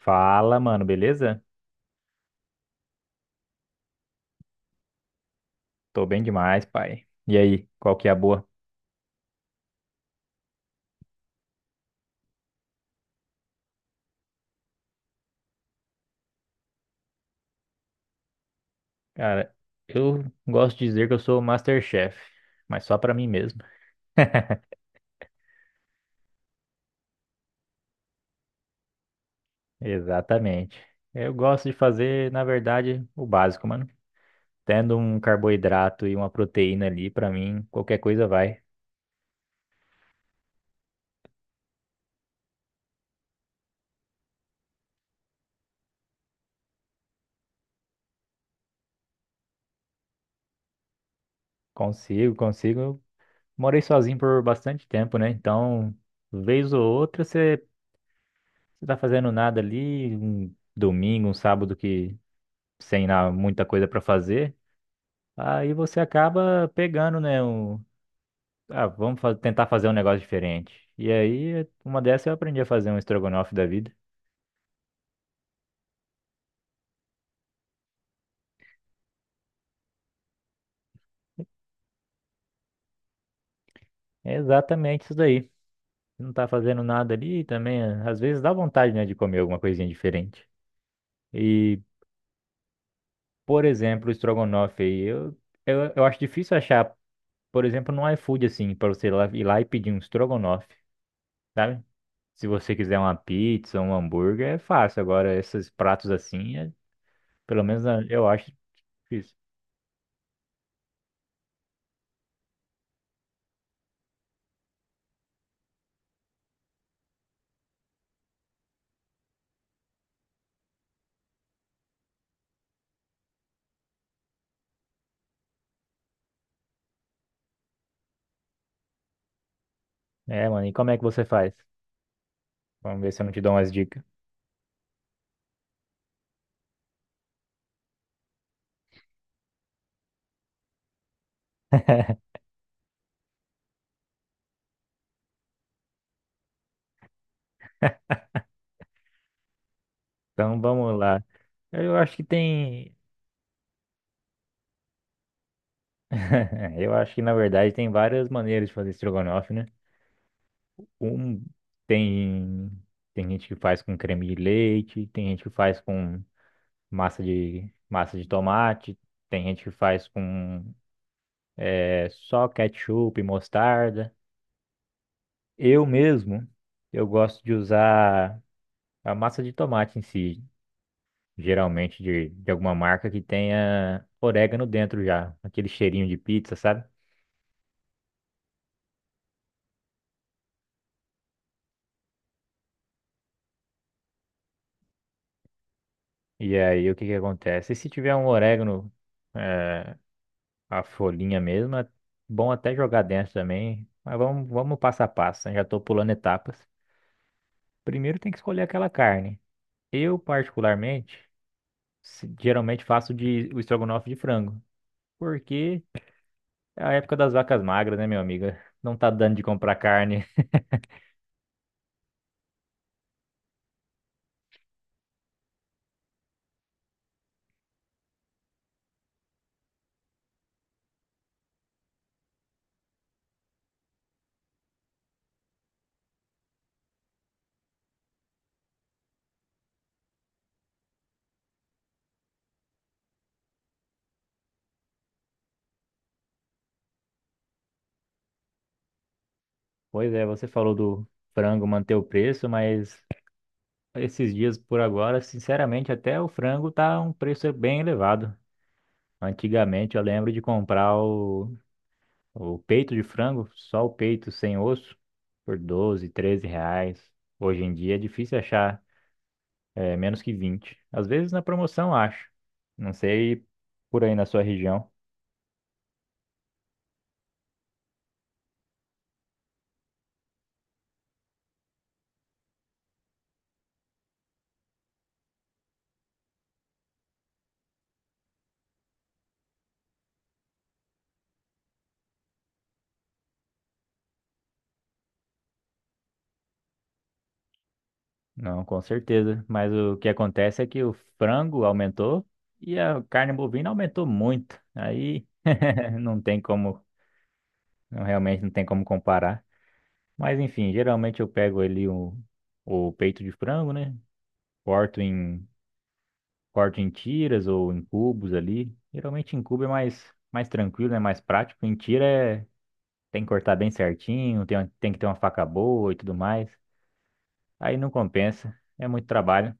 Fala, mano, beleza? Tô bem demais, pai. E aí, qual que é a boa? Cara, eu gosto de dizer que eu sou o MasterChef, mas só pra mim mesmo. Exatamente. Eu gosto de fazer, na verdade, o básico, mano. Tendo um carboidrato e uma proteína ali, pra mim, qualquer coisa vai. Consigo. Eu morei sozinho por bastante tempo, né? Então, vez ou outra, você tá fazendo nada ali, um domingo, um sábado que sem na- muita coisa pra fazer. Aí você acaba pegando, né? Tentar fazer um negócio diferente. E aí, uma dessas eu aprendi a fazer um estrogonofe da vida. É exatamente isso daí. Não tá fazendo nada ali também. Às vezes dá vontade, né, de comer alguma coisinha diferente. E, por exemplo, o estrogonofe aí, eu acho difícil achar, por exemplo, no iFood, assim, pra você ir lá, e pedir um estrogonofe, sabe? Se você quiser uma pizza, um hambúrguer, é fácil. Agora, esses pratos assim, pelo menos eu acho difícil. É, mano, e como é que você faz? Vamos ver se eu não te dou umas dicas. Então vamos lá. Eu acho que tem. Eu acho que na verdade tem várias maneiras de fazer estrogonofe, né? Um tem. Tem gente que faz com creme de leite, tem gente que faz com massa de tomate, tem gente que faz com só ketchup e mostarda. Eu mesmo, eu gosto de usar a massa de tomate em si, geralmente de alguma marca que tenha orégano dentro já, aquele cheirinho de pizza, sabe? E aí o que que acontece? E Se tiver um orégano, eh, a folhinha mesmo, é bom até jogar dentro também, mas vamos passo a passo, né? Já estou pulando etapas. Primeiro tem que escolher aquela carne. Eu, particularmente, geralmente faço o estrogonofe de frango, porque é a época das vacas magras, né, meu amigo? Não tá dando de comprar carne. Pois é, você falou do frango manter o preço, mas esses dias por agora, sinceramente, até o frango tá um preço bem elevado. Antigamente eu lembro de comprar o peito de frango, só o peito sem osso, por 12 ou 13 reais. Hoje em dia é difícil achar menos que 20. Às vezes na promoção, acho. Não sei por aí na sua região. Não, com certeza. Mas o que acontece é que o frango aumentou e a carne bovina aumentou muito. Aí não tem como, realmente não tem como comparar. Mas enfim, geralmente eu pego ali o peito de frango, né? Corto em, corto em tiras ou em cubos ali. Geralmente em cubo é mais tranquilo, é mais prático. Em tira tem que cortar bem certinho, tem que ter uma faca boa e tudo mais. Aí não compensa, é muito trabalho.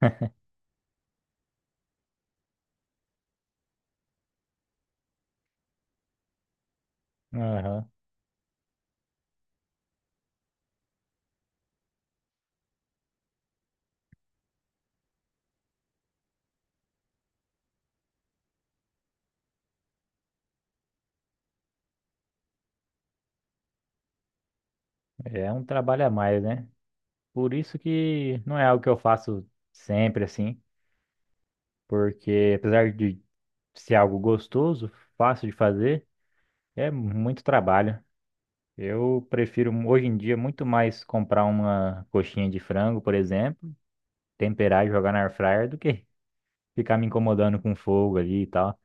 Aham. É um trabalho a mais, né? Por isso que não é algo que eu faço sempre assim, porque apesar de ser algo gostoso, fácil de fazer, é muito trabalho. Eu prefiro hoje em dia muito mais comprar uma coxinha de frango, por exemplo, temperar e jogar na air fryer do que ficar me incomodando com fogo ali e tal.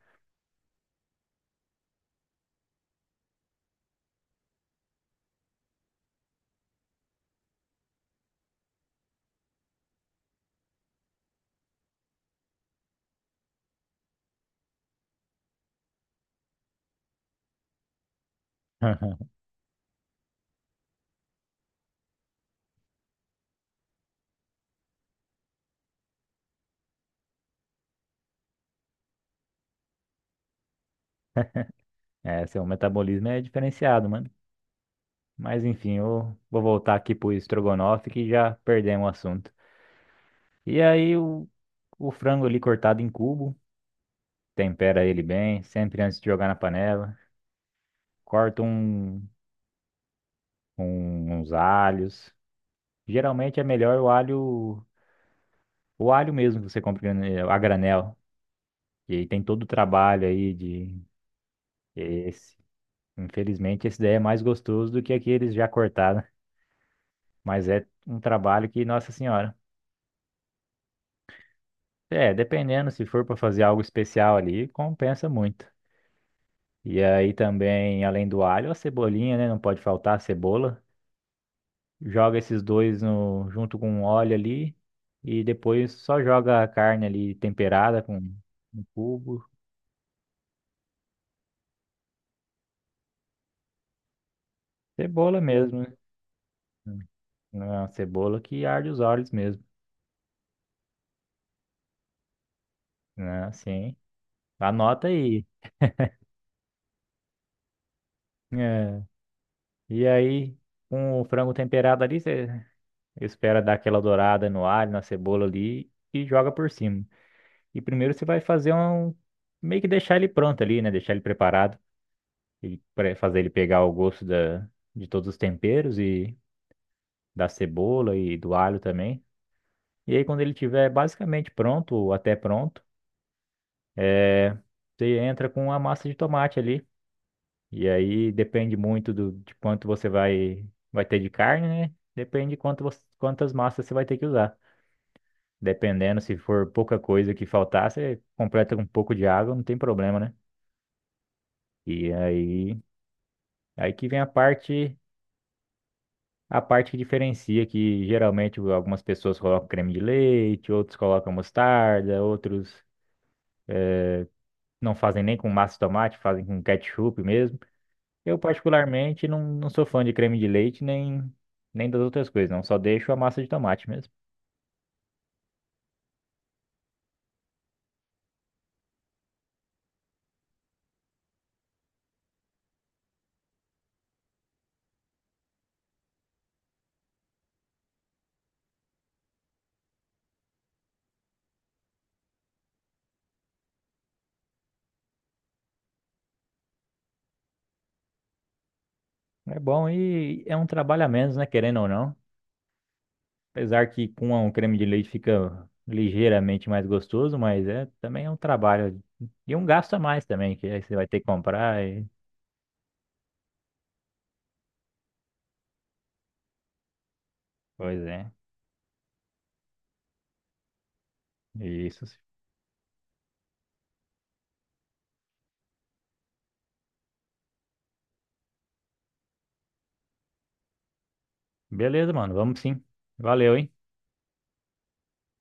É, seu metabolismo é diferenciado, mano. Mas enfim, eu vou voltar aqui pro estrogonofe que já perdemos o assunto. E aí o frango ali cortado em cubo, tempera ele bem, sempre antes de jogar na panela, corta um, uns alhos. Geralmente é melhor o alho mesmo que você compra a granel. E aí tem todo o trabalho aí de esse. Infelizmente, esse daí é mais gostoso do que aqueles já cortados. Mas é um trabalho que, nossa senhora. É, dependendo, se for para fazer algo especial ali, compensa muito. E aí também, além do alho, a cebolinha, né? Não pode faltar a cebola. Joga esses dois no, junto com o óleo ali. E depois só joga a carne ali temperada com um cubo. Cebola mesmo, né? Não é uma cebola que arde os olhos mesmo, né? Assim. Anota aí. É. E aí, com o frango temperado ali, você espera dar aquela dourada no alho, na cebola ali e joga por cima. E primeiro você vai fazer um. Meio que deixar ele pronto ali, né? Deixar ele preparado. Ele, pra fazer ele pegar o gosto de todos os temperos e da cebola e do alho também. E aí, quando ele tiver basicamente pronto, ou até pronto, é, você entra com a massa de tomate ali. E aí depende muito de quanto você vai, vai ter de carne, né? Depende de quanto quantas massas você vai ter que usar. Dependendo, se for pouca coisa que faltar, você completa com um pouco de água, não tem problema, né? E aí, aí que vem a parte que diferencia, que geralmente algumas pessoas colocam creme de leite, outros colocam mostarda, outros não fazem nem com massa de tomate, fazem com ketchup mesmo. Eu, particularmente, não sou fã de creme de leite nem das outras coisas, não. Só deixo a massa de tomate mesmo. É bom e é um trabalho a menos, né? Querendo ou não. Apesar que com um creme de leite fica ligeiramente mais gostoso, mas é também é um trabalho e um gasto a mais também, que aí você vai ter que comprar e... Pois é, isso. Beleza, mano, vamos sim. Valeu, hein?